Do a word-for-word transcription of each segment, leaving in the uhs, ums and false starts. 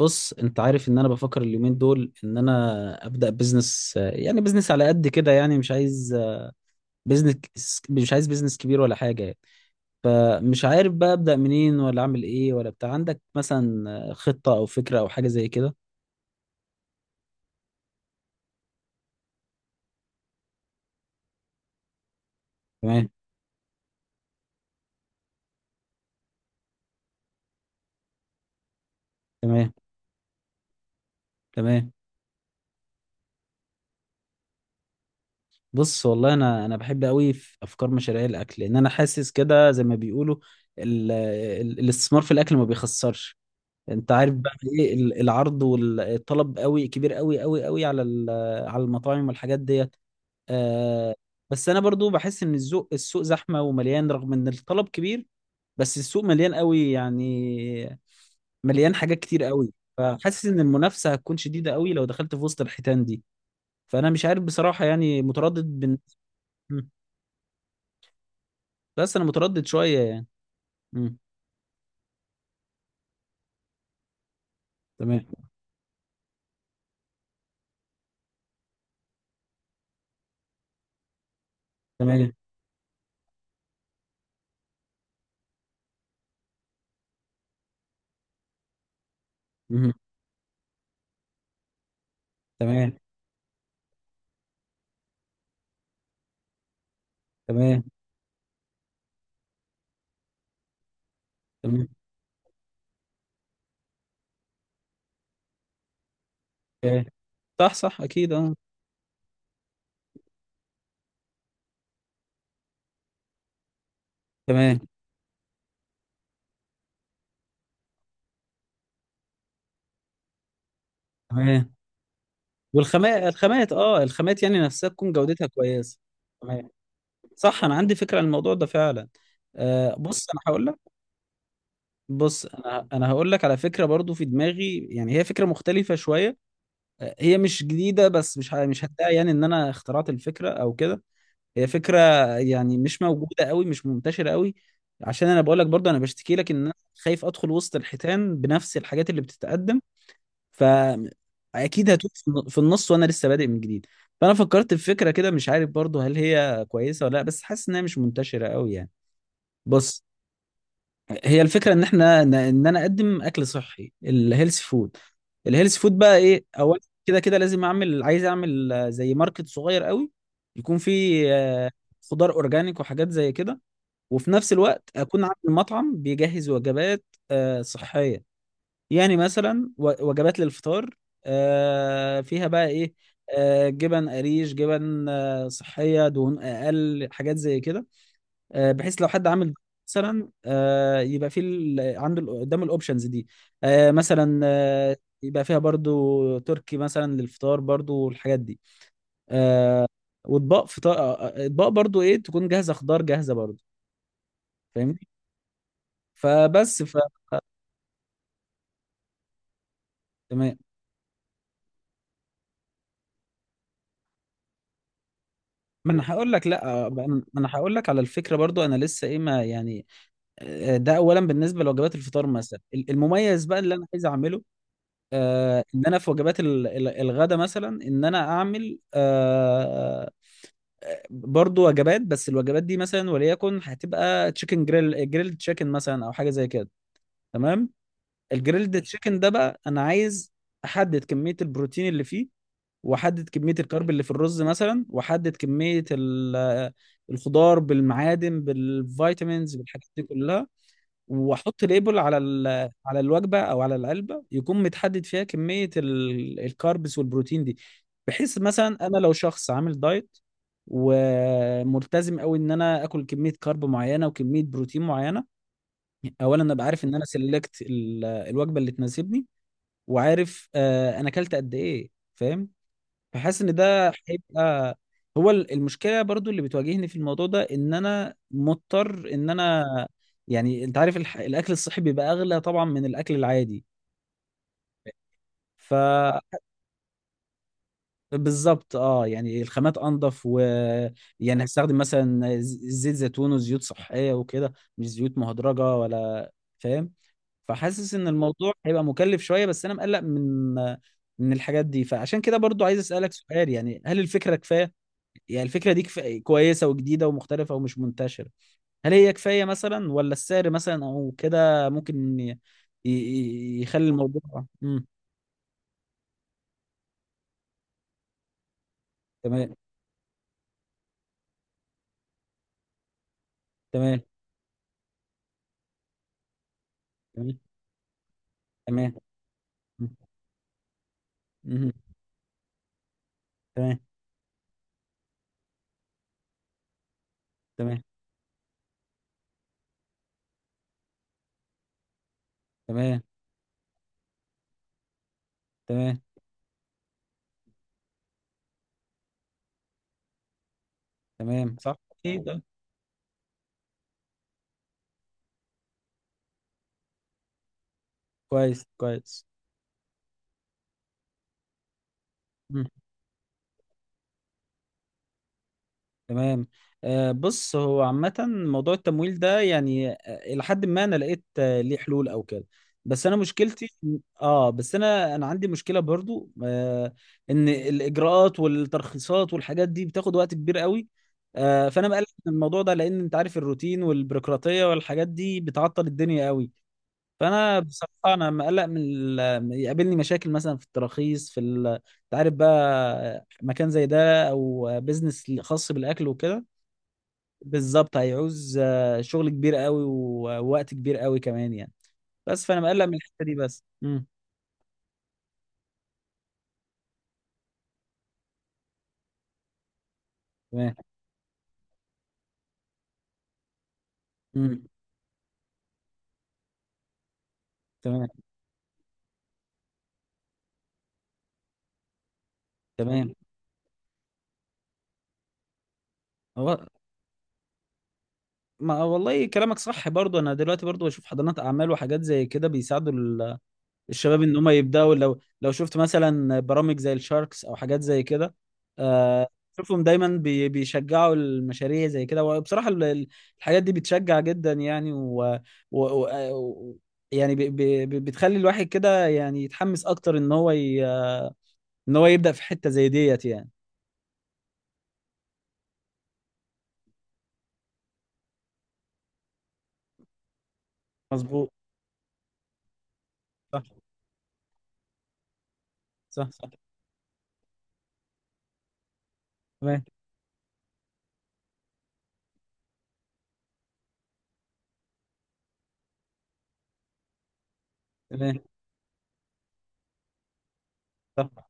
بص انت عارف ان انا بفكر اليومين دول ان انا ابدا بزنس، يعني بزنس على قد كده. يعني مش عايز بزنس مش عايز بزنس كبير ولا حاجه يعني. فمش عارف بقى ابدا منين، ولا اعمل ايه ولا بتاع. عندك مثلا خطه او فكره او حاجه زي كده؟ تمام. تمام. تمام. بص، والله انا انا بحب قوي في افكار مشاريع الاكل، لان انا حاسس كده زي ما بيقولوا ال- ال- الاستثمار في الاكل ما بيخسرش. انت عارف بقى ايه، ال- العرض والطلب قوي كبير قوي قوي قوي على ال- على المطاعم والحاجات ديت. آه بس انا برضو بحس ان السوق السوق زحمه ومليان، رغم ان الطلب كبير. بس السوق مليان قوي يعني، مليان حاجات كتير قوي، فحاسس ان المنافسه هتكون شديده قوي لو دخلت في وسط الحيتان دي. فانا مش عارف بصراحه، يعني متردد بن... مم. بس انا متردد شويه يعني. مم. تمام. تمام. مم. تمام. تمام. تمام. تمام. صح، صح، اكيد، اه. تمام. تمام. والخامات، الخامات اه الخامات يعني نفسها تكون جودتها كويسه. تمام. صح انا عندي فكره عن الموضوع ده فعلا. آه بص انا هقول لك. بص، انا انا هقول لك على فكره برضو في دماغي. يعني هي فكره مختلفه شويه. آه هي مش جديده، بس مش ه- مش هدعي يعني ان انا اخترعت الفكره او كده. هي فكره يعني مش موجوده قوي، مش منتشره قوي. عشان انا بقول لك برضو، انا بشتكي لك ان انا خايف ادخل وسط الحيتان بنفس الحاجات اللي بتتقدم. فاكيد هتوه في في النص، وانا لسه بادئ من جديد. فانا فكرت في فكره كده، مش عارف برضو هل هي كويسه ولا لا، بس حاسس انها مش منتشره قوي يعني. بص، هي الفكره ان احنا ان انا اقدم اكل صحي، الهيلث فود. الهيلث فود بقى ايه؟ اول كده كده لازم اعمل عايز اعمل، آه، زي ماركت صغير قوي، يكون فيه آه، خضار اورجانيك وحاجات زي كده. وفي نفس الوقت اكون عامل مطعم بيجهز وجبات آه، صحيه. يعني مثلا و- وجبات للفطار، آه، فيها بقى ايه؟ آه، جبن قريش، جبن آه، صحية، دهون اقل، حاجات زي كده. آه، بحيث لو حد عامل مثلا، آه، يبقى في ال- عنده ال- قدام الاوبشنز دي. آه، مثلا آه، يبقى فيها برضو تركي مثلا للفطار برضو، والحاجات دي. آه، واطباق فطار، آه، آه، اطباق برضو ايه تكون جاهزة، خضار جاهزة برضو. فاهمني؟ فبس ف تمام. ما انا هقول لك، لا، ما انا هقول لك على الفكره برضو. انا لسه ايه ما يعني. آه، ده اولا بالنسبه لوجبات الفطار مثلا. ال- المميز بقى اللي انا عايز اعمله، آه ان انا في وجبات ال- ال- الغدا مثلا، ان انا اعمل آه آه، برضو وجبات، بس الوجبات دي مثلا وليكن هتبقى تشيكن جريل، جريل تشيكن مثلا، او حاجه زي كده. تمام. الجريلد تشيكن ده بقى انا عايز احدد كميه البروتين اللي فيه، واحدد كميه الكارب اللي في الرز مثلا، واحدد كميه ال- الخضار بالمعادن بالفيتامينز بالحاجات دي كلها. واحط ليبل على ال- على الوجبه او على العلبه، يكون متحدد فيها كميه ال- الكاربس والبروتين دي. بحيث مثلا انا لو شخص عامل دايت وملتزم قوي ان انا اكل كميه كارب معينه وكميه بروتين معينه، اولا ابقى عارف ان انا سلكت الوجبه اللي تناسبني، وعارف آه، انا اكلت قد ايه. فاهم؟ فحاسس ان ده هيبقى. هو ال- المشكله برضو اللي بتواجهني في الموضوع ده ان انا مضطر ان انا يعني انت عارف الح... الاكل الصحي بيبقى اغلى طبعا من الاكل العادي، ف بالظبط اه. يعني الخامات انضف و يعني هستخدم مثلا ز- زيت زيتون وزيوت صحيه وكده، مش زيوت مهدرجه ولا. فاهم؟ فحاسس ان الموضوع هيبقى مكلف شويه، بس انا مقلق من من الحاجات دي. فعشان كده برضو عايز اسالك سؤال، يعني هل الفكره كفايه؟ يعني الفكرة دي كف... كويسة وجديدة ومختلفة ومش منتشرة، هل هي كفاية مثلا؟ ولا السعر مثلا أو كده ممكن ي... ي... يخلي الموضوع؟ امم تمام. تمام. تمام. تمام. امم. تمام. تمام. تمام. تمام. تمام. صح. أكيد. آه. كويس. كويس. مم. تمام. آه، بص، هو عامة موضوع التمويل ده يعني، آه، إلى حد ما أنا لقيت آه، ليه حلول أو كده. بس أنا مشكلتي، آه بس أنا أنا عندي مشكلة برضو آه إن الإجراءات والترخيصات والحاجات دي بتاخد وقت كبير قوي. آه فأنا مقلق من الموضوع ده، لأن أنت عارف الروتين والبيروقراطية والحاجات دي بتعطل الدنيا قوي. فأنا بصراحة أنا مقلق من ال- يقابلني مشاكل مثلا في التراخيص، في ال... أنت عارف بقى مكان زي ده أو بيزنس خاص بالأكل وكده. بالظبط. هيعوز آه، شغل كبير قوي و- ووقت كبير قوي كمان يعني. بس فانا مقلق من الحته دي بس. امم تمام. امم. تمام. تمام. هو ما والله كلامك صح برضه. انا دلوقتي برضه بشوف حضانات اعمال وحاجات زي كده بيساعدوا الشباب ان هم يبداوا. لو لو شفت مثلا برامج زي الشاركس او حاجات زي كده، آه، شوفهم دايما بي- بيشجعوا المشاريع زي كده. وبصراحة ال- ال- الحاجات دي بتشجع جدا يعني، و, و, و آه، و- يعني ب- ب- ب- بتخلي الواحد كده يعني يتحمس اكتر ان هو ي... ان هو يبدأ في حتة زي ديت يعني. مظبوط. صح. صح. صح. تمام. تمام. صح.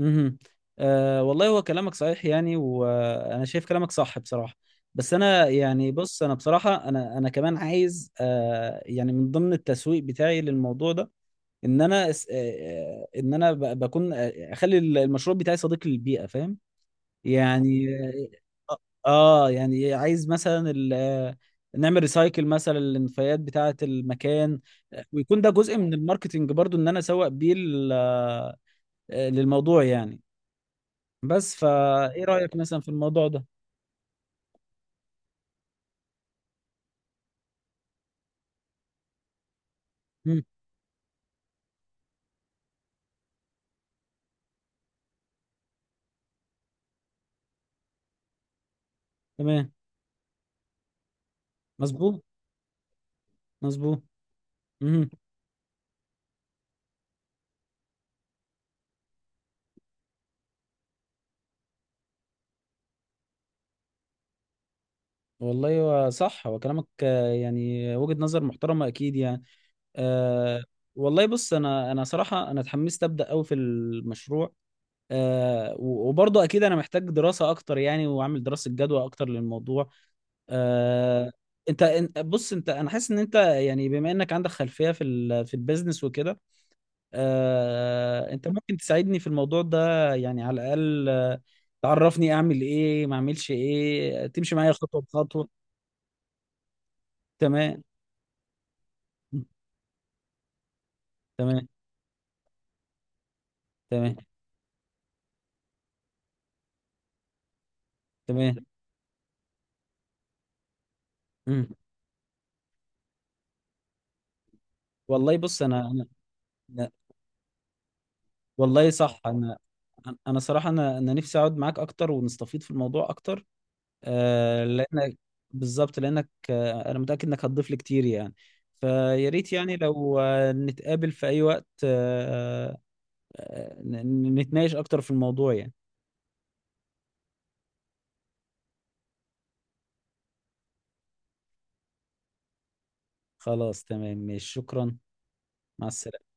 امم. أه، والله هو كلامك صحيح يعني، وانا شايف كلامك صح بصراحه. بس انا يعني، بص انا بصراحه، انا انا كمان عايز أه يعني من ضمن التسويق بتاعي للموضوع ده ان انا أس- آه، آه، ان انا ب- بكون آه، اخلي المشروع بتاعي صديق للبيئه. فاهم يعني؟ اه. آه، يعني عايز مثلا ال- آه، نعمل ريسايكل مثلا للنفايات بتاعه المكان. آه، ويكون ده جزء من الماركتينج برضو، ان انا اسوق بيه لل- آه، للموضوع يعني. بس فايه رأيك مثلا في الموضوع ده؟ مم. تمام. مظبوط. مظبوط. مم. والله هو صح، هو كلامك آه، يعني وجهة نظر محترمة اكيد يعني. أه، والله بص، انا انا صراحة انا اتحمست ابدا قوي في المشروع. أه، و- وبرضه اكيد انا محتاج دراسة اكتر يعني، واعمل دراسة جدوى اكتر للموضوع. أه. انت، أنت- بص انت، انا حاسس ان انت يعني بما انك عندك خلفية في ال- في البيزنس وكده، آه، انت ممكن تساعدني في الموضوع ده. يعني على الاقل آه، تعرفني اعمل ايه ما اعملش ايه، تمشي معايا خطوه بخطوه. تمام. مم. تمام. تمام. تمام. مم. والله بص، انا انا أنا- والله صح، انا انا صراحه انا انا نفسي اقعد معاك اكتر، ونستفيد في الموضوع اكتر. آه، لانك بالظبط، لانك آه، انا متاكد انك هتضيف لي كتير يعني. فيا ريت يعني لو آه، نتقابل في اي وقت. آه، آه، ن- ن- نتناقش اكتر في الموضوع يعني. خلاص. تمام. ماشي. شكرا. مع السلامة.